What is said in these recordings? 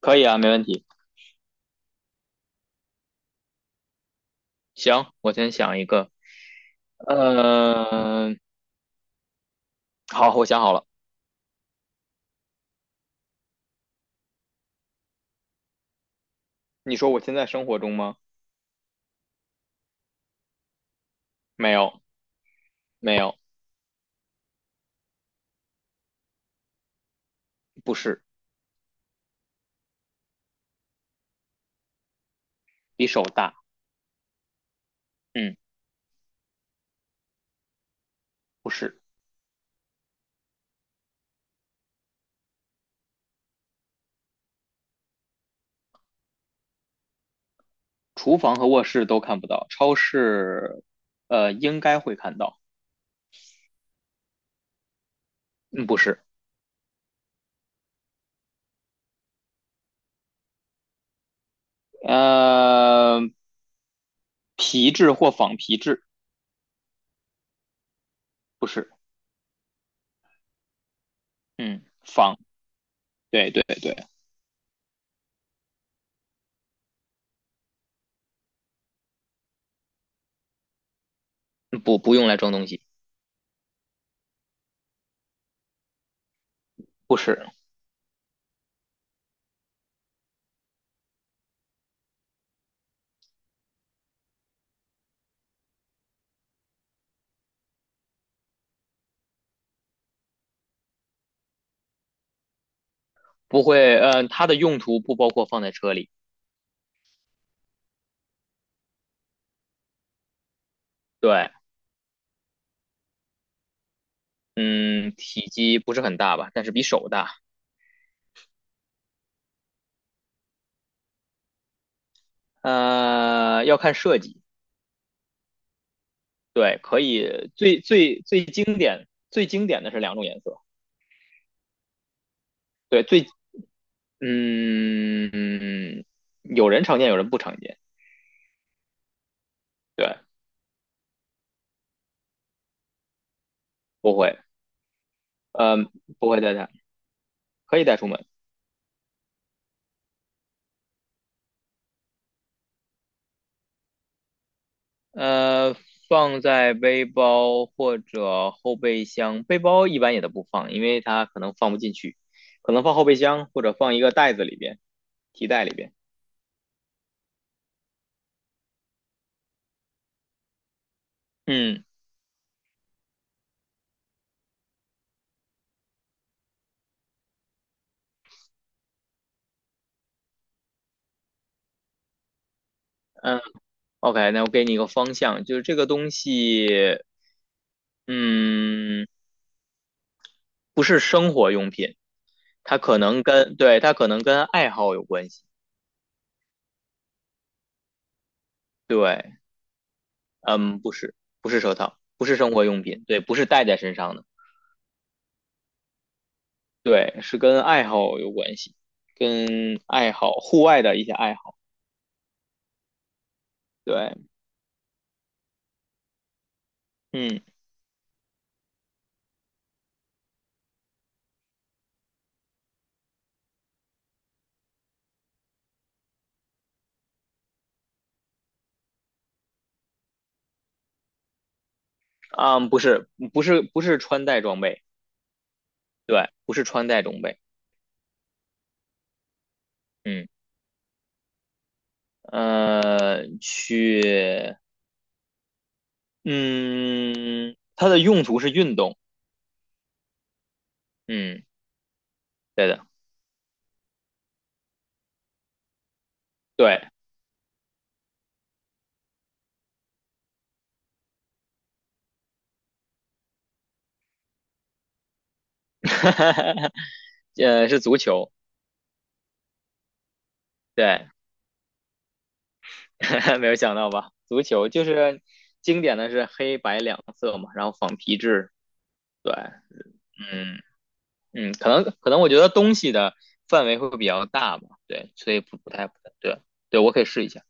可以啊，没问题。行，我先想一个。嗯、好，我想好了。你说我现在生活中吗？没有，没有，不是，比手大。嗯，不是。厨房和卧室都看不到，超市，应该会看到。嗯，不是。呃，皮质或仿皮质，不是。嗯，对对对，不用来装东西，不是，不会。嗯，它的用途不包括放在车里。对。嗯，体积不是很大吧，但是比手大。要看设计，对，可以最经典的是两种颜色，对，最嗯嗯，有人常见，有人不常见，对，不会，呃，不会带它，可以带出门，呃，放在背包或者后备箱，背包一般也都不放，因为它可能放不进去，可能放后备箱或者放一个袋子里边，提袋里边，嗯。嗯 OK，那我给你一个方向，就是这个东西，嗯，不是生活用品，它可能跟，对，它可能跟爱好有关系。对，嗯，不是，不是手套，不是生活用品，对，不是戴在身上的，对，是跟爱好有关系，跟爱好，户外的一些爱好。对，嗯，啊，不是，不是，不是穿戴装备，对，不是穿戴装备，嗯，呃，去，嗯，它的用途是运动。嗯，对，是足球，对，没有想到吧？足球就是经典的是黑白两色嘛，然后仿皮质，对，嗯可能我觉得东西的范围会比较大吧，对，所以不太对，对我可以试一下，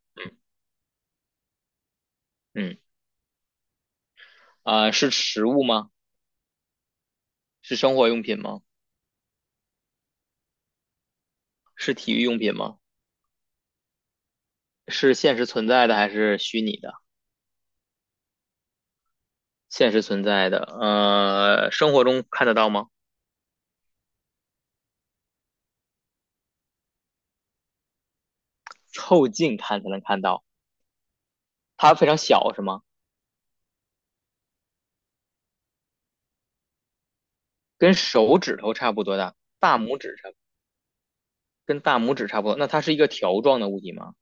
嗯是食物吗？是生活用品吗？是体育用品吗？是现实存在的还是虚拟的？现实存在的，生活中看得到吗？凑近看才能看到。它非常小是吗？跟手指头差不多大，大拇指差跟大拇指差不多。那它是一个条状的物体吗？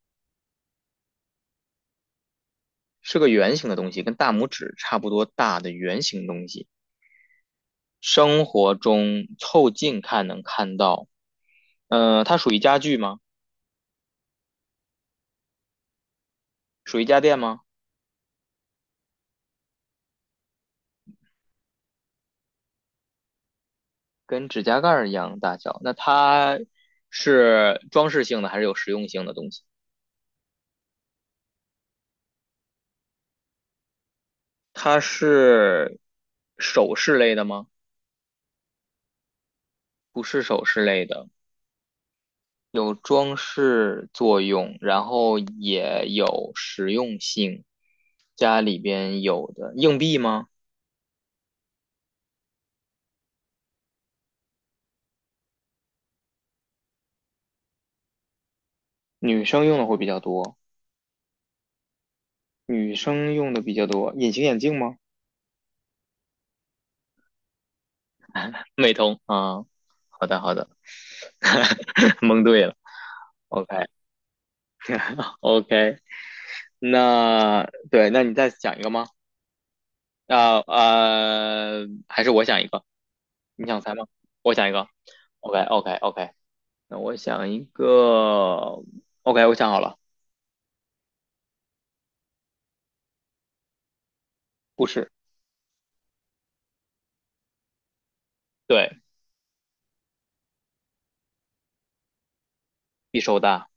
是个圆形的东西，跟大拇指差不多大的圆形东西。生活中凑近看能看到，它属于家具吗？属于家电吗？跟指甲盖儿一样大小。那它是装饰性的还是有实用性的东西？它是首饰类的吗？不是首饰类的。有装饰作用，然后也有实用性。家里边有的硬币吗？女生用的会比较多，女生用的比较多。隐形眼镜吗？美瞳啊，好的好的，蒙对了。OK OK，那对，那你再想一个吗？还是我想一个，你想猜吗？我想一个。OK OK OK，那我想一个。OK，我想好了。不是，对，比手大，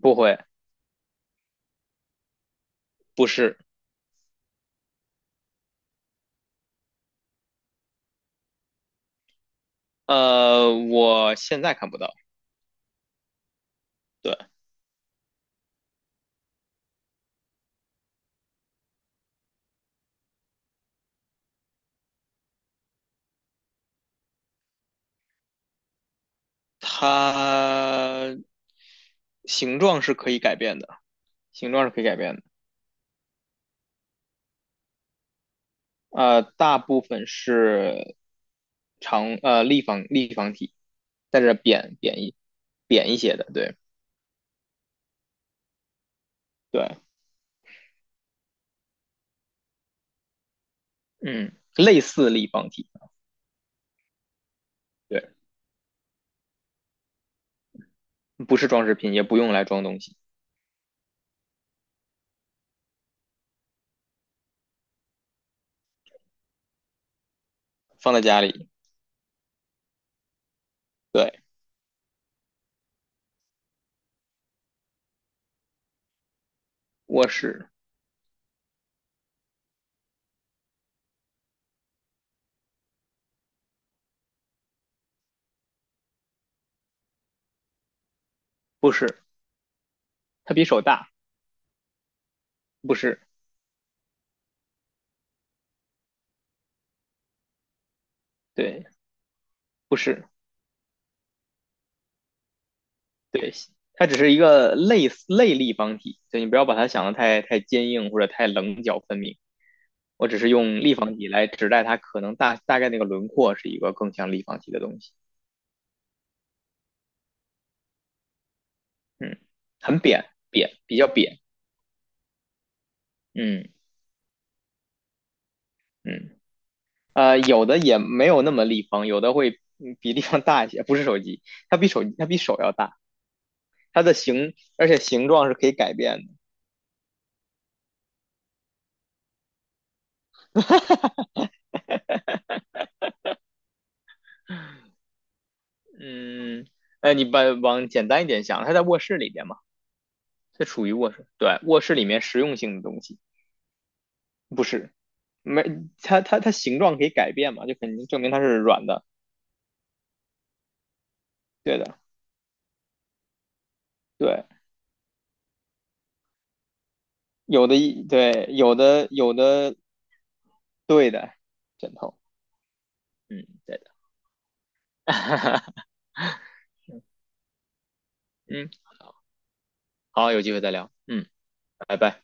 不会，不是，我现在看不到，对，它形状是可以改变的，形状是可以改变的，大部分是立方体，但是扁一些的，对对，嗯，类似立方体，对，不是装饰品，也不用来装东西，放在家里，对，卧室，不是，它比手大，不是，对，不是。对，它只是一个类似立方体，所以你不要把它想的太坚硬或者太棱角分明。我只是用立方体来指代它可能大概那个轮廓是一个更像立方体的东西。嗯，很扁扁，比较扁。嗯嗯，有的也没有那么立方，有的会比立方大一些。不是手机，它比手要大，它的形而且形状是可以改变的。嗯，你把往简单一点想，它在卧室里边嘛。这属于卧室，对，卧室里面实用性的东西，不是，没，它形状可以改变嘛，就肯定证明它是软的，对的，对，有的一对，有的有的，对的，枕头，嗯，对的，嗯，好，有机会再聊，嗯，拜拜。